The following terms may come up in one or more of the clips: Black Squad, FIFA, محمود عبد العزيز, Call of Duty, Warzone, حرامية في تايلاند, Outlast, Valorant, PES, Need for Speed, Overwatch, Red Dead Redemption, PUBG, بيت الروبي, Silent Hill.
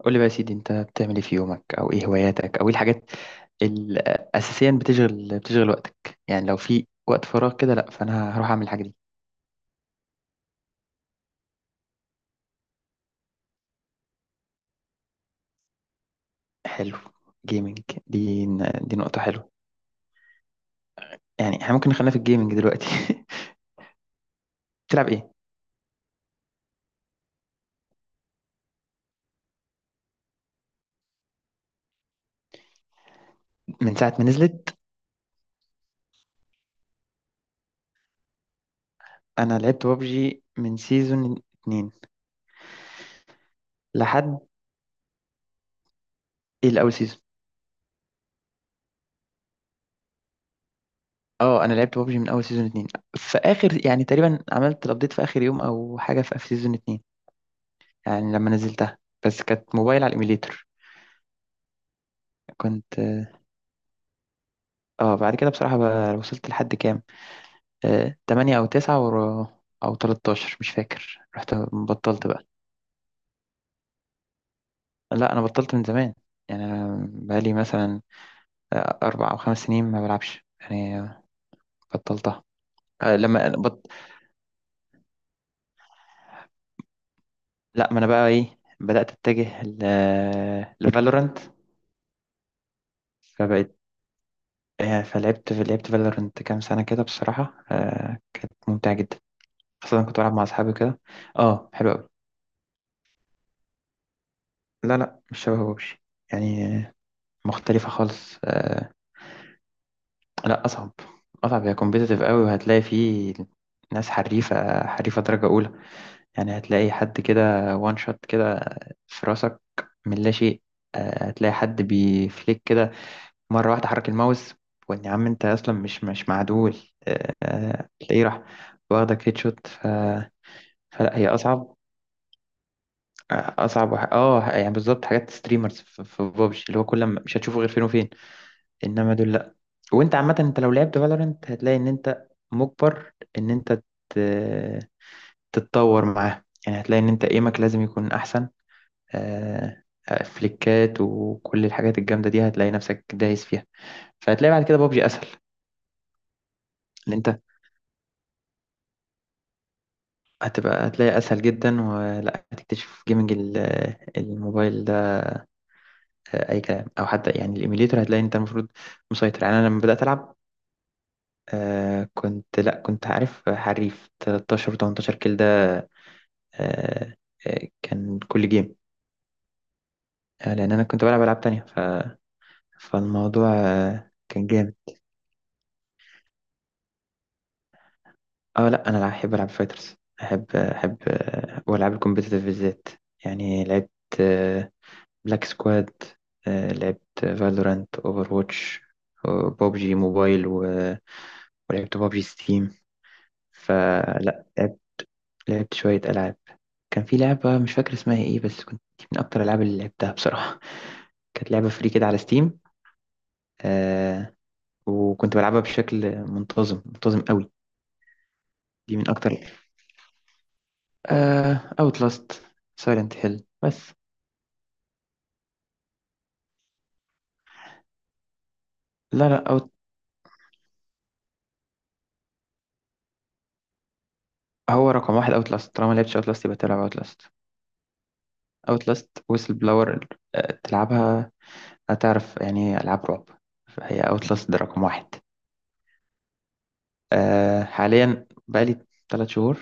قول لي بقى يا سيدي، انت بتعمل ايه في يومك؟ او ايه هواياتك؟ او ايه الحاجات اللي اساسيا بتشغل وقتك؟ يعني لو في وقت فراغ كده. لا، فانا هروح اعمل الحاجه دي. حلو، جيمنج. دي دي نقطه حلوه، يعني احنا ممكن نخلينا في الجيمنج دلوقتي. بتلعب ايه؟ من ساعه ما نزلت. انا لعبت بابجي من سيزون اتنين لحد. ايه الاول سيزون؟ اه، انا لعبت بابجي من اول سيزون اتنين، في اخر، يعني تقريبا عملت الابديت في اخر يوم او حاجه، في سيزون اتنين. يعني لما نزلتها بس كانت موبايل على الايميليتر. كنت، اه، بعد كده بصراحة بقى وصلت لحد كام؟ تمانية أو تسعة أو تلتاشر، مش فاكر، رحت بطلت بقى. لا، أنا بطلت من زمان، يعني أنا بقالي مثلا أربع أو خمس سنين ما بلعبش يعني، بطلتها. آه، لما أنا بط... لا، ما أنا بقى إيه بدأت أتجه لفالورانت. فبقيت، فلعبت فالورانت كام سنة كده بصراحة. كانت ممتعة جدا، خاصة أنا كنت بلعب مع أصحابي كده. اه، حلو أوي. لا لا، مش شبه ببجي، يعني مختلفة خالص. لا، أصعب. أصعب، هي كومبيتيتيف قوي وهتلاقي فيه ناس حريفة حريفة درجة أولى. يعني هتلاقي حد كده وان شوت كده في راسك من لا شيء. هتلاقي حد بيفليك كده مرة واحدة، حرك الماوس وإن يا عم أنت أصلا مش معدول. تلاقيه راح واخدك هيد شوت فلا هي أصعب. أصعب وح... آه يعني بالظبط حاجات ستريمرز في بابجي، اللي هو كل ما مش هتشوفه غير فين وفين. إنما دول، وانت عامة انت لو لعبت فالورنت هتلاقي ان انت مجبر ان انت ت- تتطور معاه. يعني هتلاقي ان انت ايمك لازم يكون احسن، آه، فليكات وكل الحاجات الجامدة دي هتلاقي نفسك دايس فيها. فهتلاقي بعد كده بابجي اسهل، ان انت هتبقى هتلاقي اسهل جدا. ولا هتكتشف جيمنج الموبايل ده اي كلام، او حتى يعني الايميليتور هتلاقي انت المفروض مسيطر. يعني انا لما بدأت العب كنت، لا كنت عارف، حريف 13 و18 كيل ده. آه، كان كل جيم لان انا كنت بلعب العاب تانية فالموضوع كان جامد. اه، لا، انا احب العب فايترز، احب والعاب الكومبيتيتيف بالذات. يعني لعبت بلاك سكواد، لعبت فالورانت، اوفر واتش، ببجي موبايل، ولعبت ببجي ستيم. فلا لعبت شوية ألعاب. كان في لعبة مش فاكر اسمها ايه، بس كنت من أكتر الألعاب اللي لعبتها بصراحة. كانت لعبة فري كده على ستيم، وكنت بلعبها بشكل منتظم، منتظم قوي. دي من اكتر، اوت لاست، سايلنت هيل بس. لا لا، هو رقم واحد اوت لاست. طالما لعبتش اوت لاست يبقى تلعب اوت لاست. اوت لاست ويسل بلاور، تلعبها هتعرف يعني ايه العاب رعب. فهي اوت لاست ده رقم واحد. حاليا بقالي ثلاث شهور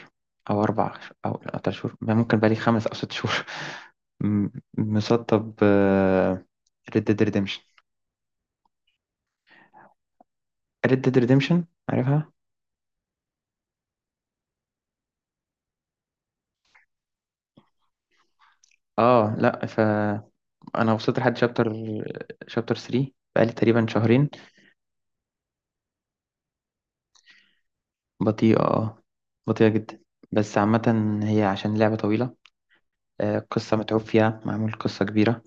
او اربع او ثلاث شهور، ممكن بقالي خمس او ست شهور. م- مسطب ريد ديد ريديمشن. ريد ديد ريديمشن عارفها؟ اه، لا، فانا وصلت لحد شابتر 3 بقالي تقريبا شهرين. بطيئة، اه، بطيئة جدا. بس عامة هي عشان لعبة طويلة، قصة متعوب فيها، معمول قصة كبيرة،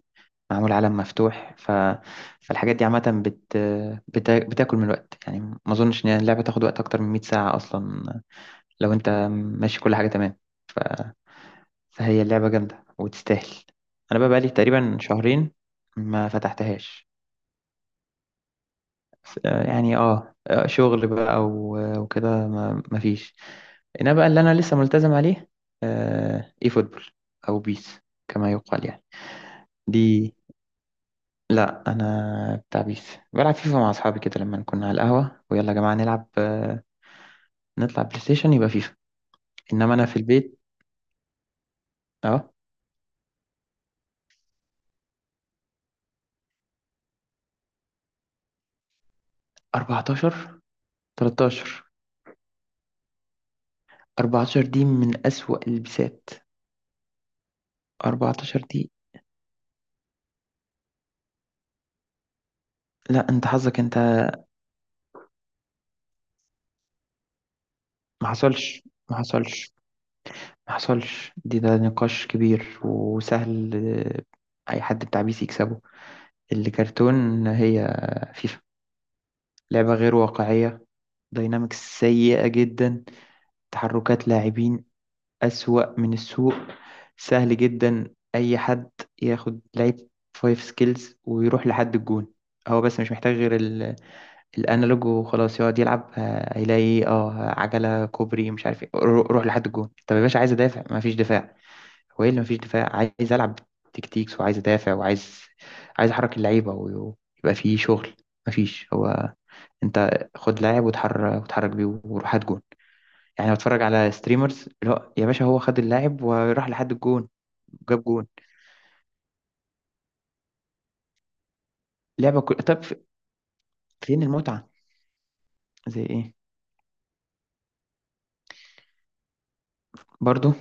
معمول عالم مفتوح، فالحاجات دي عامة بتاكل من الوقت. يعني ما أظنش إن اللعبة تاخد وقت أكتر من 100 ساعة أصلا، لو أنت ماشي كل حاجة تمام. ف... فهي اللعبة جامدة وتستاهل. أنا بقى بقالي تقريبا شهرين ما فتحتهاش، يعني اه، شغل بقى وكده، ما ما فيش. انا بقى اللي انا لسه ملتزم عليه اي فوتبول او بيس، كما يقال يعني. دي لا، انا بتاع بيس. بلعب فيفا مع اصحابي كده لما كنا على القهوه، ويلا يا جماعه نلعب، نطلع بلاي ستيشن يبقى فيفا. انما انا في البيت. اه. 14. 13. 14 دي من اسوأ البسات. 14 دي، لا انت حظك انت. ما حصلش، ما حصلش. ما حصلش، دي ده نقاش كبير وسهل. أي حد بتاع بي سي يكسبه. الكرتون هي فيفا، لعبة غير واقعية، داينامكس سيئة جدا، تحركات لاعبين أسوأ من السوق. سهل جدا أي حد ياخد لعيب فايف سكيلز ويروح لحد الجون. هو بس مش محتاج غير الانالوج، وخلاص يقعد يلعب، هيلاقي اه عجلة كوبري مش عارف ايه، روح لحد الجون. طب يا باشا، عايز ادافع، مفيش دفاع. هو ايه اللي مفيش دفاع؟ عايز العب تكتيكس وعايز ادافع، وعايز، عايز احرك اللعيبه ويبقى فيه شغل. مفيش. هو انت خد لاعب وتحرك بيه وروح هات جون. يعني بتفرج على ستريمرز، اللي هو يا باشا، هو خد اللاعب وراح لحد الجون، جاب جون. لعبه طب فين المتعه؟ زي ايه؟ برضو،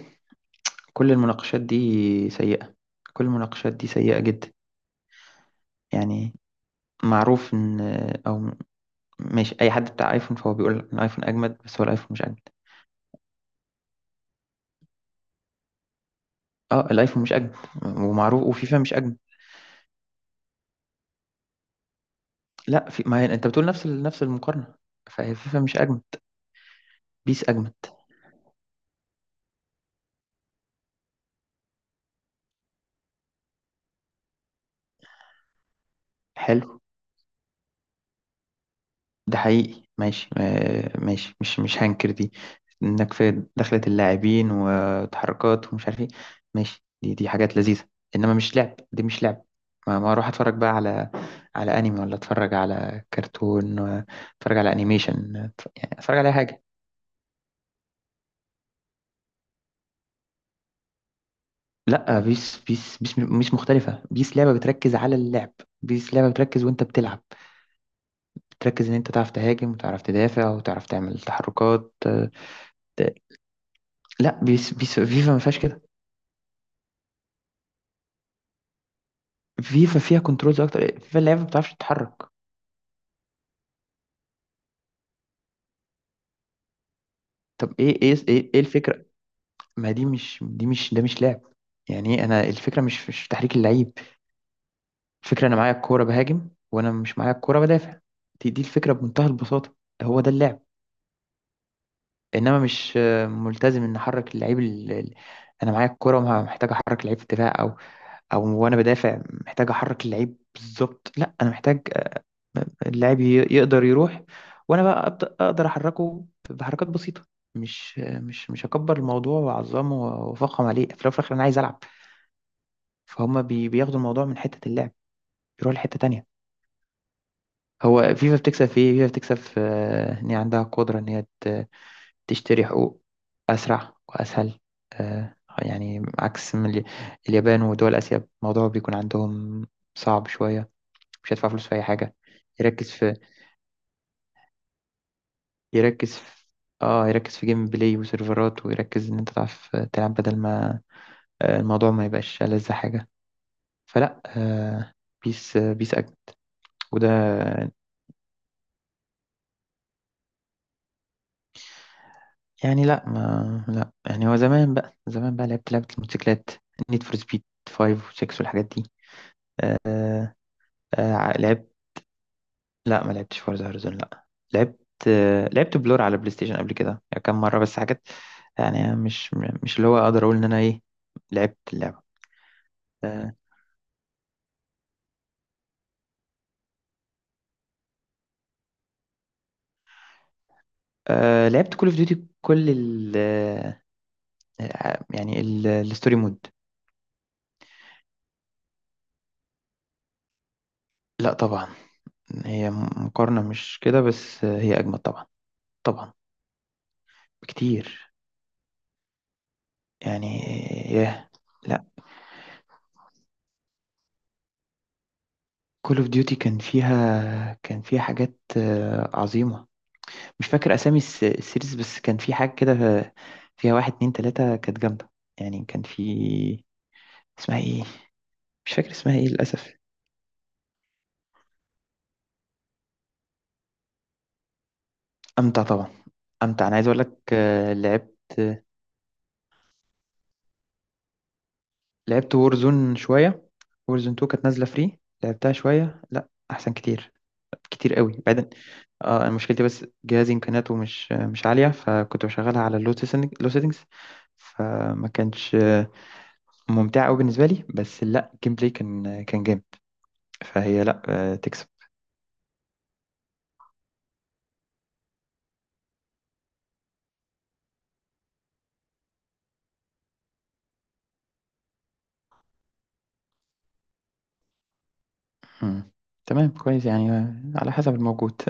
كل المناقشات دي سيئه، كل المناقشات دي سيئه جدا. يعني معروف ان، او ماشي، اي حد بتاع ايفون فهو بيقول ان الايفون اجمد، بس هو الايفون مش اجمد. اه، الايفون مش اجمل ومعروف، وفيفا مش اجمل. لا، في، ما هي انت بتقول نفس نفس المقارنه، فهي فيفا مش اجمد، بيس اجمد. حلو، ده حقيقي ماشي، ماشي، مش هنكر دي، انك في دخلة اللاعبين وتحركات ومش عارف ايه، ماشي، دي حاجات لذيذه. انما مش لعب، دي مش لعب. ما اروح اتفرج بقى على انمي، ولا اتفرج على كرتون، ولا اتفرج على انيميشن، يعني اتفرج على أي حاجه. لا، بيس مش مختلفة. بيس لعبة بتركز على اللعب. بيس لعبة بتركز، وانت بتلعب بتركز ان انت تعرف تهاجم وتعرف تدافع وتعرف تعمل تحركات، ت- لا بيس فيفا ما فيهاش كده. فيفا فيها كنترولز اكتر، فيفا اللعبة ما بتعرفش تتحرك. طب ايه ايه ايه إيه الفكرة؟ ما دي مش، ده مش لعب. يعني إيه انا؟ الفكرة مش في تحريك اللعيب، الفكرة انا معايا الكورة بهاجم، وانا مش معايا الكورة بدافع. دي الفكرة بمنتهى البساطة، هو ده اللعب. انما مش ملتزم ان احرك اللعيب انا معايا الكرة محتاج احرك اللعيب في دفاع او وانا بدافع محتاج احرك اللعيب بالظبط. لا، انا محتاج اللاعب يقدر يروح، وانا بقى أبدأ اقدر احركه بحركات بسيطة. مش هكبر الموضوع واعظمه وافخم عليه، في الاول وفي الاخر انا عايز العب. فهم بياخدوا الموضوع من حتة اللعب، يروح لحتة تانية. هو فيفا بتكسب في ايه؟ فيفا بتكسب في ان هي عندها قدرة ان هي تشتري حقوق أسرع وأسهل، آه، يعني عكس من اليابان ودول آسيا، الموضوع بيكون عندهم صعب شوية، مش هيدفع فلوس في أي حاجة. يركز في، يركز في اه يركز في جيم بلاي وسيرفرات، ويركز إن أنت تعرف تلعب، بدل ما الموضوع ما يبقاش ألذ حاجة. فلا بيس، بيس أجمل. وده، يعني لا، ما لا يعني هو زمان بقى، لعبت لعبة الموتوسيكلات، نيد فور سبيد 5 و 6 والحاجات دي. لعبت، لا ما لعبتش فورزا هورايزون. لا، لعبت لعبت بلور على بلاي ستيشن قبل كده، يعني كام مرة بس حاجات يعني، مش اللي هو اقدر اقول ان انا ايه لعبت اللعبة. آه لعبت كول اوف ديوتي كل ال، الستوري مود. لا طبعا، هي مقارنة مش كده بس، هي اجمد طبعا، طبعا، بكتير يعني. ياه، لا. كول اوف ديوتي كان فيها، كان فيها حاجات عظيمة. مش فاكر اسامي السيريز، بس كان في حاجه كده فيها واحد اتنين تلاته كانت جامده. يعني كان في، اسمها ايه؟ مش فاكر اسمها ايه للاسف. امتع طبعا، امتع. انا عايز اقول لك لعبت وورزون شويه. وورزون 2 كانت نازله فري، لعبتها شويه. لا، احسن كتير، كتير قوي بعدين. اه، أنا مشكلتي بس جهازي امكانياته مش عاليه، فكنت بشغلها على لو سيتنجز، فما كانش ممتع قوي بالنسبه لي، بس لا، الجيم بلاي كان جامد. فهي لا، تكسب. مم. تمام كويس، يعني على حسب الموجود.